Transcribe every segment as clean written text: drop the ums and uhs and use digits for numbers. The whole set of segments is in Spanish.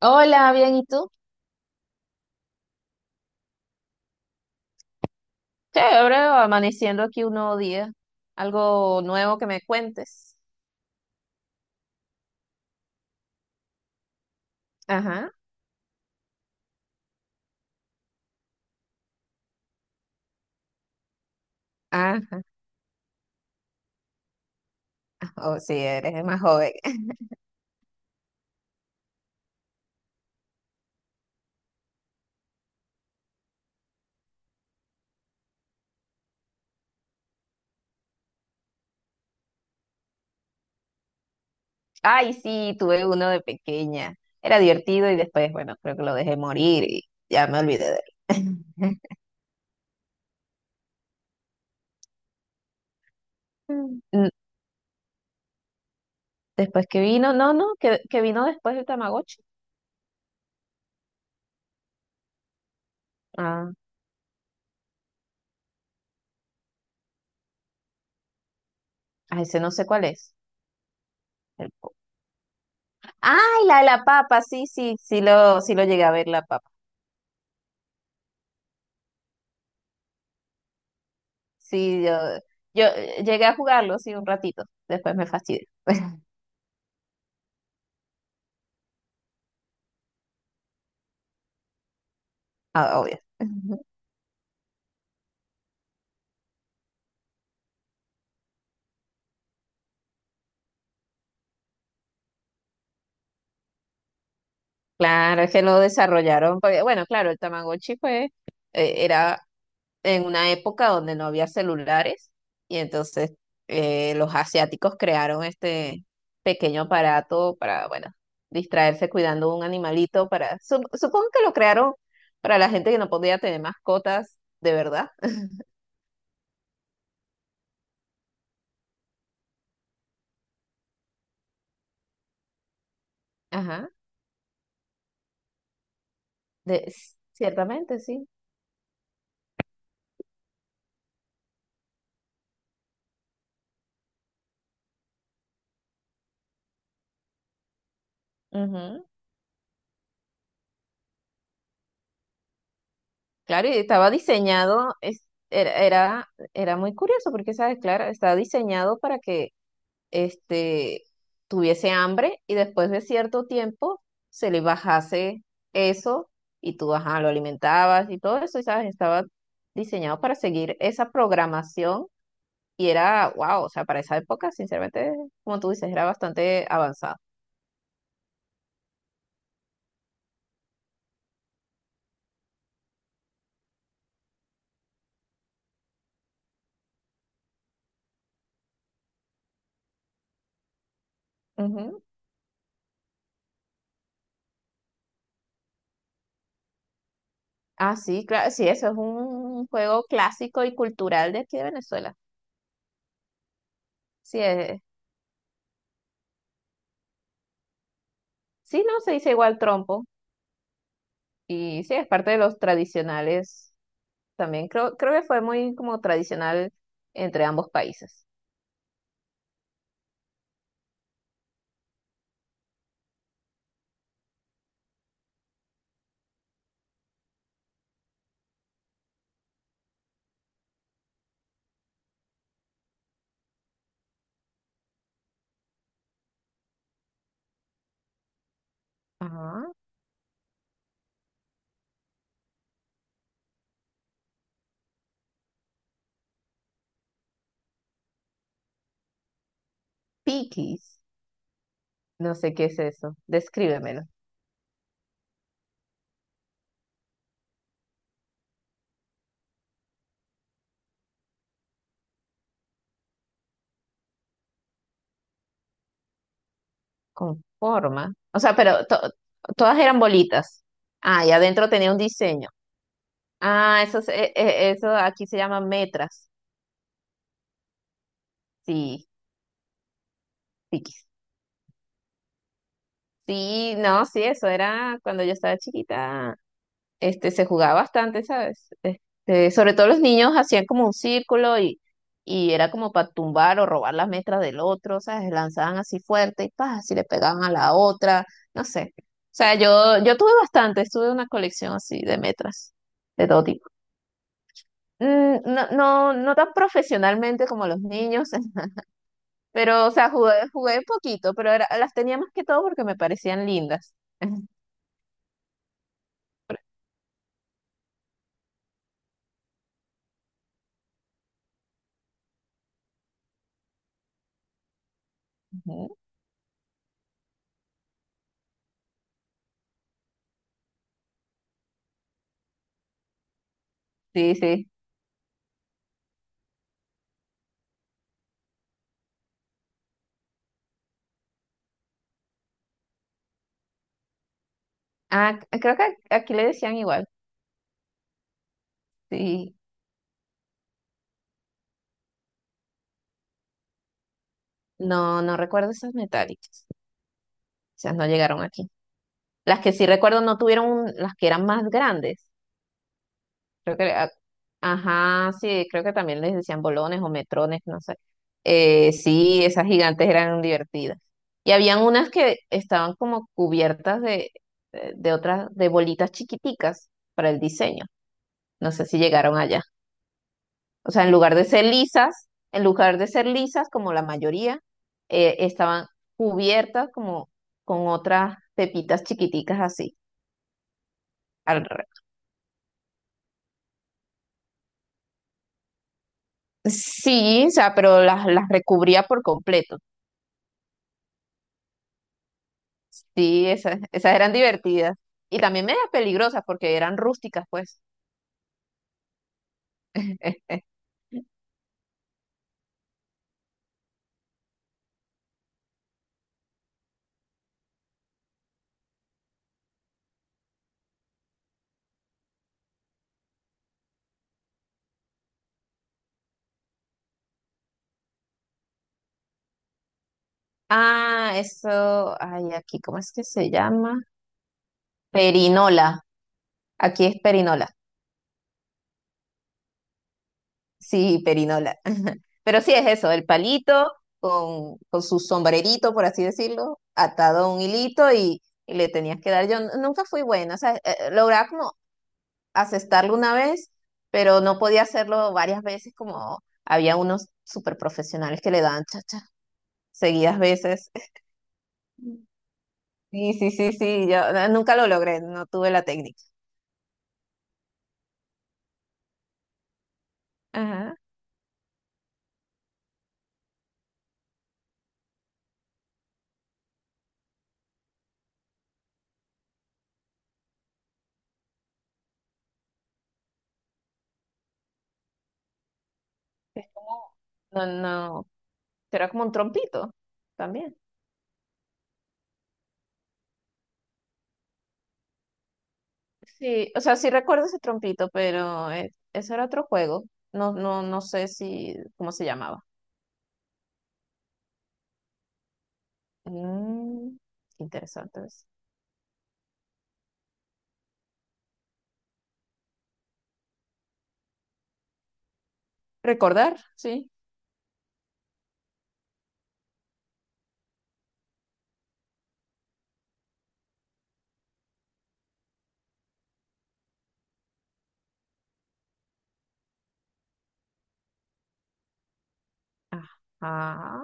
Hola, bien, ¿y tú? Chévere, amaneciendo aquí un nuevo día. Algo nuevo que me cuentes. Ajá, ajá, o si eres más joven. Ay, sí, tuve uno de pequeña. Era divertido y después, bueno, creo que lo dejé morir y ya me olvidé de él. N- Después que vino, no, no, que vino después el Tamagotchi. Ah, ah, ese no sé cuál es. El po- Ay, la de la papa, sí lo llegué a ver la papa. Sí, yo, yo llegué a jugarlo, sí, un ratito. Después me fastidió. Ah, obvio. Claro, es que lo desarrollaron. Porque, bueno, claro, el Tamagotchi fue, era en una época donde no había celulares y entonces los asiáticos crearon este pequeño aparato para, bueno, distraerse cuidando un animalito para, supongo que lo crearon para la gente que no podía tener mascotas de verdad. Ajá, de, ciertamente, sí. Claro, y estaba diseñado, era, era, era muy curioso porque, ¿sabes? Claro, estaba diseñado para que este, tuviese hambre y después de cierto tiempo se le bajase eso y tú, ajá, lo alimentabas y todo eso, y, ¿sabes? Estaba diseñado para seguir esa programación y era, wow, o sea, para esa época, sinceramente, como tú dices, era bastante avanzado. Ujú. Ah, sí, claro, sí, eso es un juego clásico y cultural de aquí de Venezuela. Sí, es, sí, no, se dice igual trompo y sí, es parte de los tradicionales también. Creo que fue muy como tradicional entre ambos países. Ah, piquis, no sé qué es eso, descríbemelo, con forma. O sea, pero todas eran bolitas. Ah, y adentro tenía un diseño. Ah, eso, eso aquí se llama metras. Sí, piquis. Sí, no, sí, eso era cuando yo estaba chiquita. Este, se jugaba bastante, ¿sabes? Este, sobre todo los niños hacían como un círculo y era como para tumbar o robar las metras del otro, ¿sabes? Lanzaban así fuerte y pa, así le pegaban a la otra, no sé. O sea, yo tuve bastante, tuve una colección así de metras, de todo tipo. Mm, No, no, no tan profesionalmente como los niños, pero, o sea, jugué poquito, pero era- las tenía más que todo porque me parecían lindas. Sí, sí. Ah, creo que aquí le decían igual. Sí. No, no recuerdo esas metálicas. Esas no llegaron aquí. Las que sí recuerdo no tuvieron, un- las que eran más grandes. Creo que, ajá, sí, creo que también les decían bolones o metrones, no sé. Sí, esas gigantes eran divertidas. Y habían unas que estaban como cubiertas de, de otras, de bolitas chiquiticas para el diseño. No sé si llegaron allá. O sea, en lugar de ser lisas, como la mayoría, estaban cubiertas como con otras pepitas chiquiticas así. alre- Sí, o sea, pero las recubría por completo. Sí, esas, esas eran divertidas. Y también medias peligrosas porque eran rústicas, pues. Ah, eso, ay, aquí, ¿cómo es que se llama? Perinola. Aquí es perinola. Sí, perinola. Pero sí es eso, el palito con su sombrerito, por así decirlo, atado a un hilito y le tenías que dar. Yo nunca fui buena, o sea, lograba como asestarlo una vez, pero no podía hacerlo varias veces como había unos super profesionales que le daban chacha seguidas veces. Sí, sí, sí, sí, yo nunca lo logré, no tuve la técnica. Ajá. Es como, no, no, pero era como un trompito también. Sí, o sea, sí recuerdo ese trompito, pero ese era otro juego. No, no, no sé si, cómo se llamaba. Mm, interesante. Es. Recordar, sí. Ajá.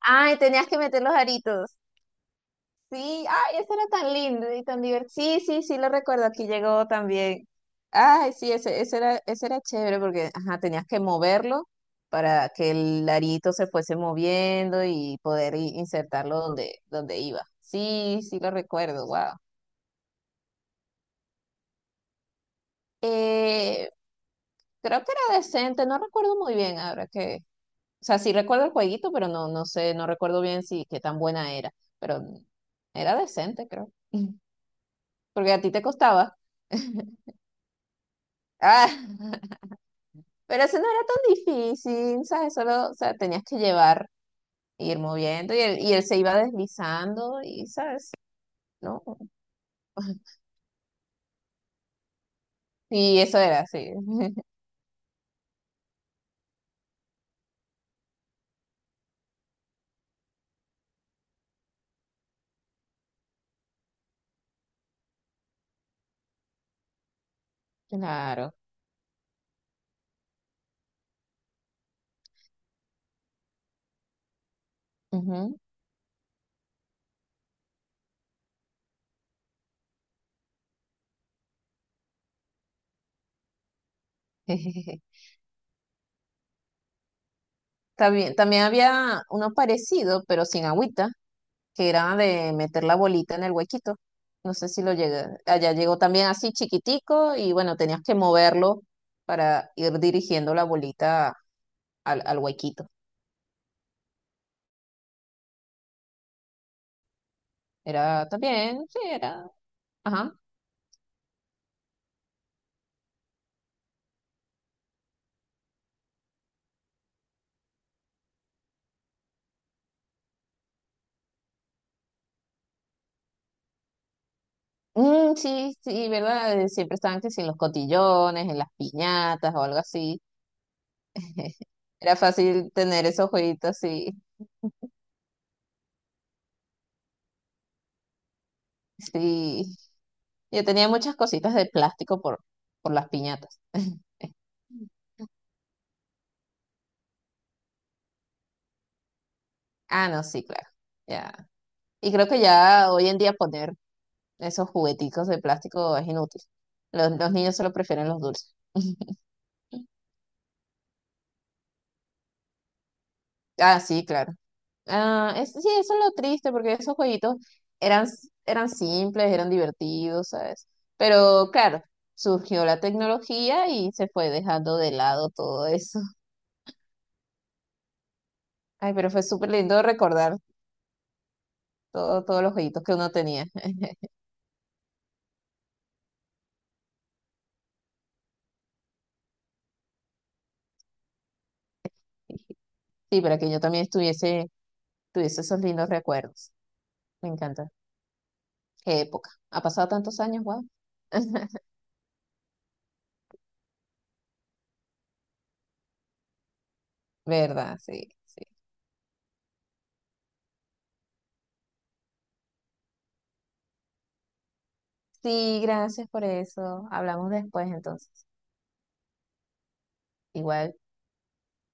Ay, tenías que meter los aritos. Sí, ay, ese era tan lindo y tan divertido. Sí, sí, sí, lo recuerdo, aquí llegó también. Ay, sí, ese era chévere porque, ajá, tenías que moverlo para que el arito se fuese moviendo y poder insertarlo donde, donde iba. Sí, sí, lo recuerdo, wow. Eh, Creo que era decente, no recuerdo muy bien ahora que, o sea, sí recuerdo el jueguito, pero no, no sé, no recuerdo bien si qué tan buena era, pero era decente, creo, porque a ti te costaba. Ah. Pero eso no era tan difícil, ¿sabes? Solo, o sea, tenías que llevar, ir moviendo y él se iba deslizando y, ¿sabes? ¿No? Y eso era así. Claro. Ujú. También, también había uno parecido, pero sin agüita, que era de meter la bolita en el huequito. No sé si lo llega allá llegó también así chiquitico y bueno, tenías que moverlo para ir dirigiendo la bolita al huequito. Era también, sí, era. Ajá. Mm, sí, sí, ¿verdad? Siempre estaban que si en los cotillones, en las piñatas o algo así. Era fácil tener esos jueguitos así. Sí. Yo tenía muchas cositas de plástico por las piñatas. Ah, no, sí, claro. Ya. Y creo que ya hoy en día poner esos jugueticos de plástico es inútil. Los niños solo prefieren los dulces. Ah, sí, claro. Ah, es, sí, eso es lo triste, porque esos jueguitos eran, eran simples, eran divertidos, ¿sabes? Pero claro, surgió la tecnología y se fue dejando de lado todo eso. Ay, pero fue súper lindo recordar todo, todos los jueguitos que uno tenía. Sí, para que yo también estuviese, tuviese esos lindos recuerdos. Me encanta. Qué época. Ha pasado tantos años, wow. ¿Verdad? Sí, sí. Sí, gracias por eso. Hablamos después entonces. Igual.